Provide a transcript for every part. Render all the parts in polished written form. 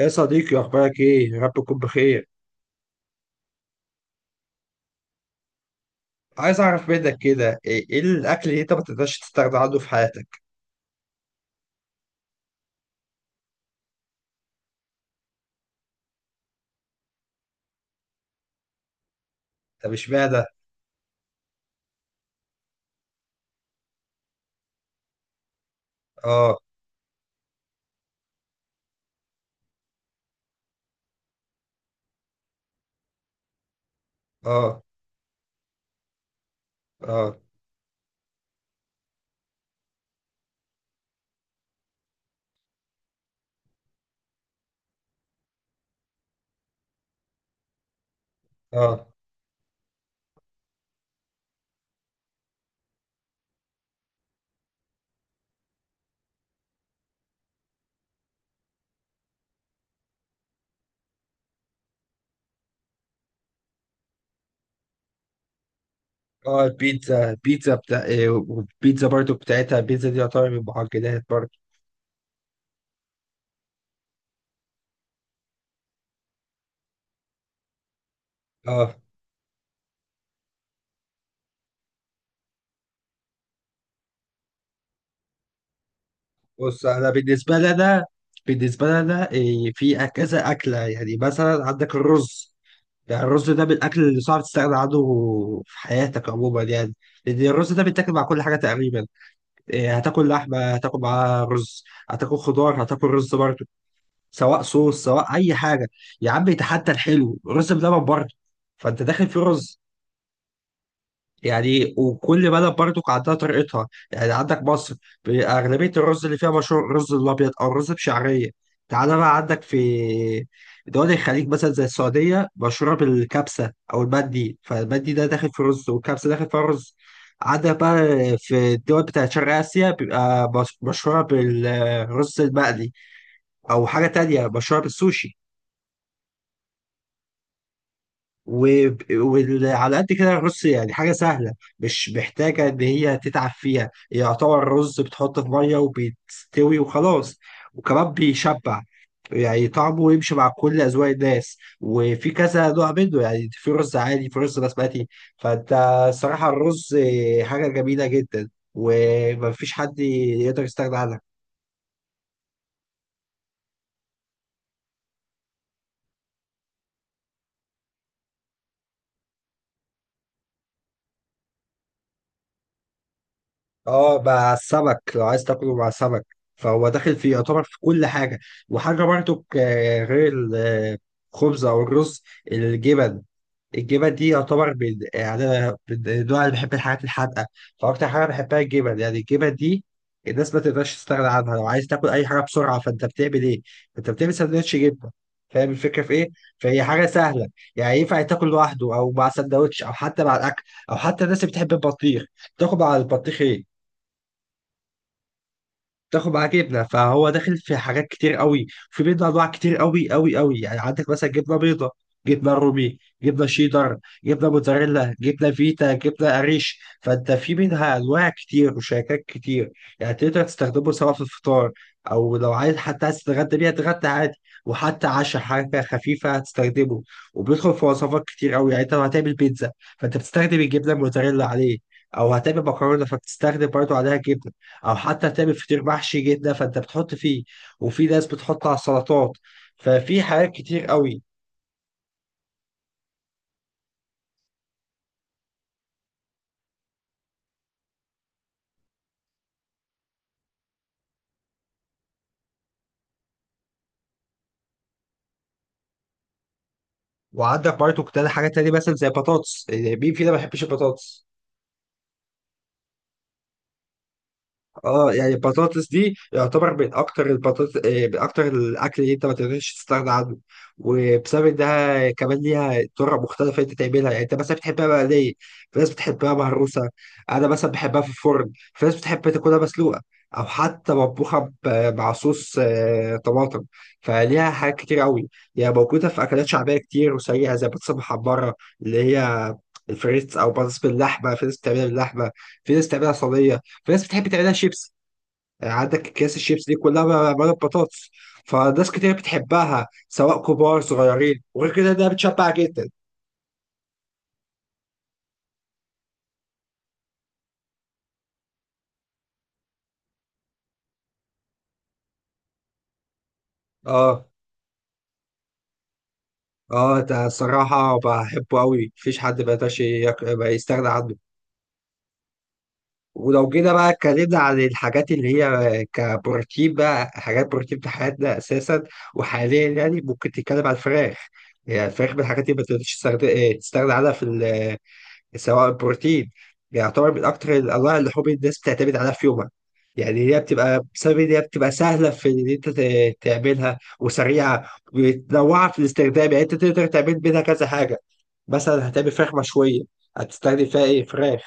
يا صديقي اخبارك ايه؟ يا رب تكون بخير. عايز اعرف منك كده، ايه الاكل اللي انت ما تقدرش تستغنى عنه في حياتك؟ طب اشمعنى؟ اه. اه اه اه اه البيتزا، بتاع والبيتزا برضو بتاعتها، البيتزا دي يعتبر من المعجنات برضو. اه، بص انا بالنسبه لي انا في كذا اكله. يعني مثلا عندك الرز، يعني الرز ده من الاكل اللي صعب تستغنى عنه في حياتك عموما، يعني لان الرز ده بيتاكل مع كل حاجه تقريبا. هتاكل لحمه هتاكل معاها رز، هتاكل خضار هتاكل رز برضه، سواء صوص سواء اي حاجه. يا عم حتى الحلو رز بلبن برضه، فانت داخل في رز. يعني وكل بلد برضو عندها طريقتها، يعني عندك مصر أغلبية الرز اللي فيها مشهور الرز الأبيض أو الرز بشعرية. تعالى بقى عندك في دول الخليج مثلا زي السعودية مشهورة بالكبسة أو المندي، فالمندي ده داخل في رز والكبسة داخل في رز. عندك بقى في الدول بتاعت شرق آسيا بيبقى مشهورة بالرز المقلي أو حاجة تانية مشهورة بالسوشي. وعلى قد كده الرز يعني حاجة سهلة، مش محتاجة إن هي تتعب فيها، يعتبر رز بتحطه في مية وبيستوي وخلاص، وكمان بيشبع. يعني طعمه يمشي مع كل أذواق الناس، وفي كذا نوع منه، يعني في رز عادي في رز بسمتي. فأنت صراحة الرز حاجة جميلة جدا، ومفيش حد يقدر يستغنى عنها. اه، مع السمك لو عايز تاكله مع سمك، فهو داخل في يعتبر في كل حاجه. وحاجه برضو غير الخبز او الرز، الجبن. الجبن دي يعتبر من، يعني انا من النوع اللي بحب الحاجات الحادقه، فاكتر حاجه بحبها الجبن. يعني الجبن دي الناس ما تقدرش تستغنى عنها. لو عايز تاكل اي حاجه بسرعه، فانت بتعمل ايه؟ انت بتعمل سندوتش جبنه. فاهم الفكره في ايه؟ فهي حاجه سهله، يعني ينفع تاكل لوحده او مع سندوتش او حتى مع الاكل، او حتى الناس اللي بتحب البطيخ تاكل مع البطيخ ايه؟ تاخد معاه جبنه. فهو داخل في حاجات كتير قوي، في بيض انواع كتير قوي قوي قوي، يعني عندك مثلا جبنه بيضه، جبنه رومي، جبنه شيدر، جبنه موتزاريلا، جبنه فيتا، جبنه قريش. فانت في منها انواع كتير وشركات كتير. يعني تقدر تستخدمه سواء في الفطار، او لو عايز حتى عايز تتغدى بيها تتغدى عادي، وحتى عشاء حاجه خفيفه هتستخدمه. وبيدخل في وصفات كتير قوي، يعني انت لو هتعمل بيتزا فانت بتستخدم الجبنه الموتزاريلا عليه، او هتعمل مكرونه فبتستخدم برضه عليها جبنه، او حتى تعمل فطير محشي جدا فانت بتحط فيه، وفي ناس بتحط على السلطات. ففي حاجات كتير قوي. وعندك برضه كتير حاجات تانية، مثلا زي بطاطس، يعني مين فينا ما بيحبش البطاطس؟ اه، يعني البطاطس دي يعتبر من اكتر البطاطس من اكتر الاكل اللي انت ما تقدرش تستغنى عنه. وبسبب انها كمان ليها طرق مختلفه انت تعملها، يعني انت مثلا بتحبها مقليه، في ناس بتحبها مهروسه، انا مثلا بحبها في الفرن، في ناس بتحب تاكلها مسلوقه، او حتى مطبوخه مع صوص طماطم. فليها حاجات كتير قوي، يعني موجوده في اكلات شعبيه كتير وسريعه زي البطاطس المحمره اللي هي الفريتس، او بطاطس باللحمه، في ناس بتعملها باللحمه، في ناس بتعملها صينيه، في ناس بتحب تعملها شيبس. عندك اكياس الشيبس دي كلها معموله ببطاطس. فناس كتير بتحبها سواء كبار صغيرين، وغير كده ده بتشبع جدا. اه. اه، ده الصراحه بحبه قوي، مفيش حد ما يقدرش ما يستغنى عنه. ولو جينا بقى اتكلمنا عن الحاجات اللي هي كبروتين بقى، حاجات بروتين في حياتنا اساسا وحاليا، يعني ممكن تتكلم عن الفراخ. يعني الفراخ من الحاجات اللي ما تقدرش تستغنى تستغنى عنها في، سواء البروتين، بيعتبر من أكتر الأنواع اللحوم اللي حب الناس بتعتمد عليها في يومها. يعني هي بتبقى بسبب إن هي بتبقى سهلة في إن أنت تعملها، وسريعة ومتنوعة في الاستخدام، يعني أنت تقدر تعمل منها كذا حاجة. مثلا هتعمل فراخ مشوية هتستخدم فيها إيه؟ فراخ.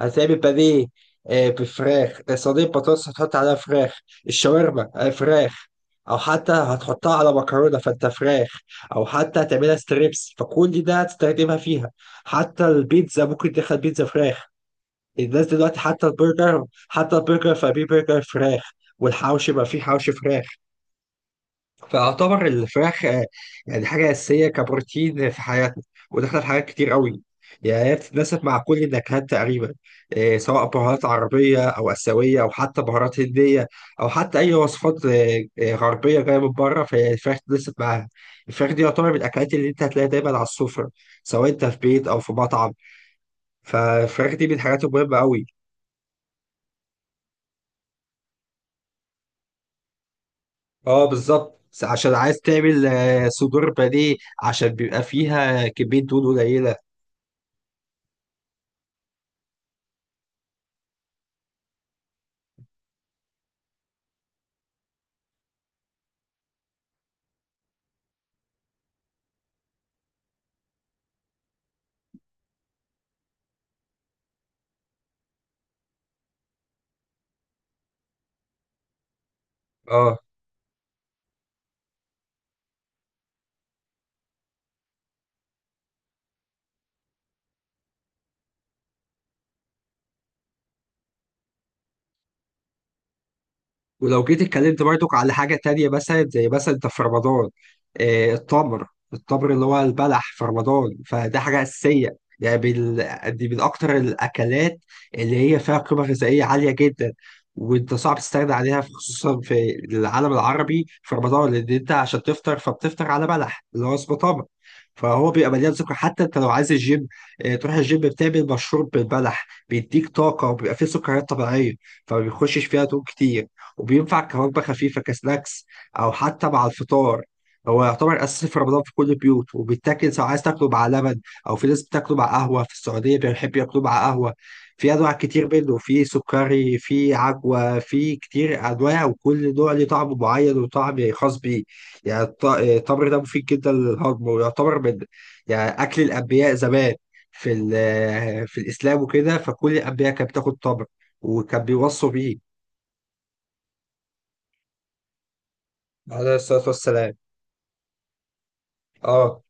هتعمل بانيه، بفراخ. صينية بطاطس هتحط عليها فراخ. الشاورما فراخ. أو حتى هتحطها على مكرونة فأنت فراخ. أو حتى هتعملها ستريبس فكل ده هتستخدمها فيها. حتى البيتزا ممكن تدخل بيتزا فراخ. الناس دلوقتي حتى البرجر، حتى البرجر فبيه برجر فراخ. والحوش بقى فيه حوش فراخ. فاعتبر الفراخ يعني حاجة أساسية كبروتين في حياتنا، وداخلة في حاجات كتير قوي. يعني هي بتتناسب مع كل النكهات تقريبا، سواء بهارات عربية أو آسيوية أو حتى بهارات هندية، أو حتى أي وصفات غربية جاية من بره، فهي الفراخ تتناسب معاها. الفراخ دي يعتبر من الأكلات اللي أنت هتلاقيها دايما على السفرة، سواء أنت في بيت أو في مطعم. فالفراخ دي من الحاجات المهمة أوي. اه، بالظبط، عشان عايز تعمل صدور بانيه، عشان بيبقى فيها كمية دهون قليلة. اه. ولو جيت اتكلمت برضك على حاجة تانية، مثلا زي مثلا انت في رمضان، التمر، التمر اللي هو البلح في رمضان، فده حاجة أساسية. دي من أكتر الأكلات اللي هي فيها قيمة غذائية عالية جدا. وانت صعب تستغنى عليها خصوصا في العالم العربي في رمضان، لأن انت عشان تفطر فبتفطر على بلح اللي هو اسمه تمر. فهو بيبقى مليان سكر، حتى انت لو عايز الجيم، تروح الجيم بتعمل مشروب بالبلح، بيديك طاقة وبيبقى فيه سكريات طبيعية، فما بيخشش فيها دهون كتير، وبينفع كوجبة خفيفة كسناكس أو حتى مع الفطار. هو يعتبر أساسي في رمضان في كل البيوت، وبيتاكل سواء عايز تاكله مع لبن، أو في ناس بتاكله مع قهوة، في السعودية بيحب ياكلوه مع قهوة. في أنواع كتير منه، في سكري في عجوة في كتير أنواع، وكل نوع ليه طعم معين وطعم خاص بيه. يعني التمر ده مفيد جدا للهضم، ويعتبر من، يعني أكل الأنبياء زمان في في الإسلام وكده، فكل الأنبياء كانت بتاكل تمر وكان بيوصوا بيه. عليه الصلاة والسلام. اه.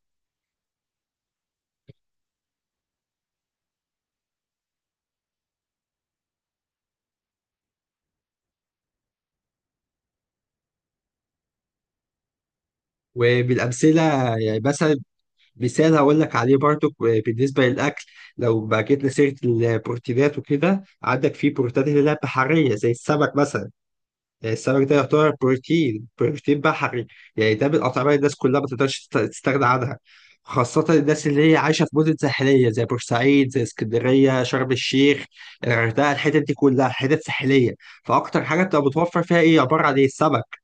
وبالامثله، يعني مثلا، مثال هقول لك عليه برضو بالنسبه للاكل، لو بقى جبنا سيره البروتينات وكده، عندك في بروتينات اللي هي بحريه زي السمك مثلا. يعني السمك ده يعتبر بروتين، بحري. يعني ده من الاطعمه اللي الناس كلها ما تقدرش تستغنى عنها، خاصة الناس اللي هي عايشة في مدن ساحلية زي بورسعيد، زي اسكندرية، شرم الشيخ، الغردقة، الحتت دي كلها حتت ساحلية. فأكتر حاجة بتبقى متوفر فيها إيه؟ عبارة عن إيه؟ السمك.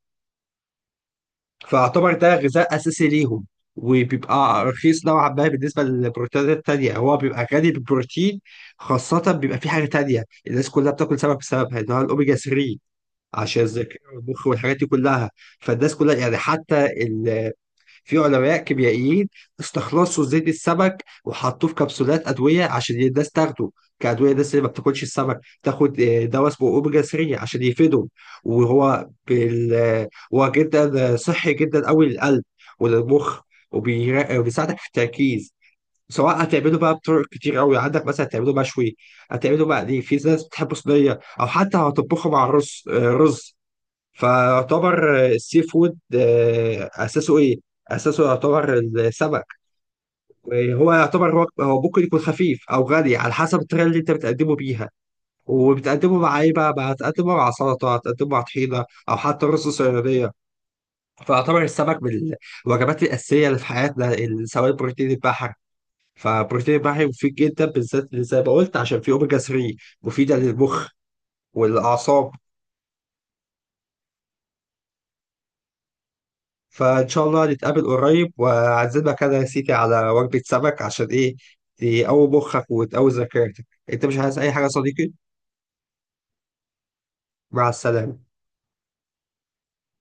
فاعتبر ده غذاء اساسي ليهم، وبيبقى رخيص نوعا ما بالنسبه للبروتينات التانيه، هو بيبقى غني بالبروتين. خاصه بيبقى في حاجه تانيه الناس كلها بتاكل سمك بسببها اللي هو الاوميجا 3، عشان الذاكره والمخ والحاجات دي كلها. فالناس كلها يعني حتى في علماء كيميائيين استخلصوا زيت السمك وحطوه في كبسولات ادويه عشان الناس تاخده كادويه. الناس اللي ما بتاكلش السمك تاخد دواء اسمه اوميجا 3 عشان يفيدهم. وهو بال... آه، هو جدا صحي جدا قوي للقلب وللمخ، وبيساعدك في التركيز. سواء هتعمله بقى بطرق كتير قوي، عندك مثلا هتعمله مشوي، هتعمله مقلي، في ناس بتحبه صينيه، او حتى هتطبخه مع الرز رز. فيعتبر السي فود اساسه ايه؟ اساسه يعتبر السمك. هو يعتبر هو هو ممكن يكون خفيف او غني على حسب الطريقه اللي انت بتقدمه بيها، وبتقدمه مع ايه بقى؟ بقى هتقدمه مع سلطه، هتقدمه مع طحينه، او حتى رز صياديه. فيعتبر السمك من الوجبات الاساسيه اللي في حياتنا، سواء بروتين البحر. فبروتين البحر مفيد جدا، بالذات اللي زي ما قلت عشان فيه اوميجا 3 مفيده للمخ والاعصاب. فإن شاء الله نتقابل قريب وأعزمك أنا يا سيدي على وجبة سمك، عشان إيه؟ تقوي مخك وتقوي ذاكرتك. أنت مش عايز أي حاجة يا صديقي؟ مع السلامة.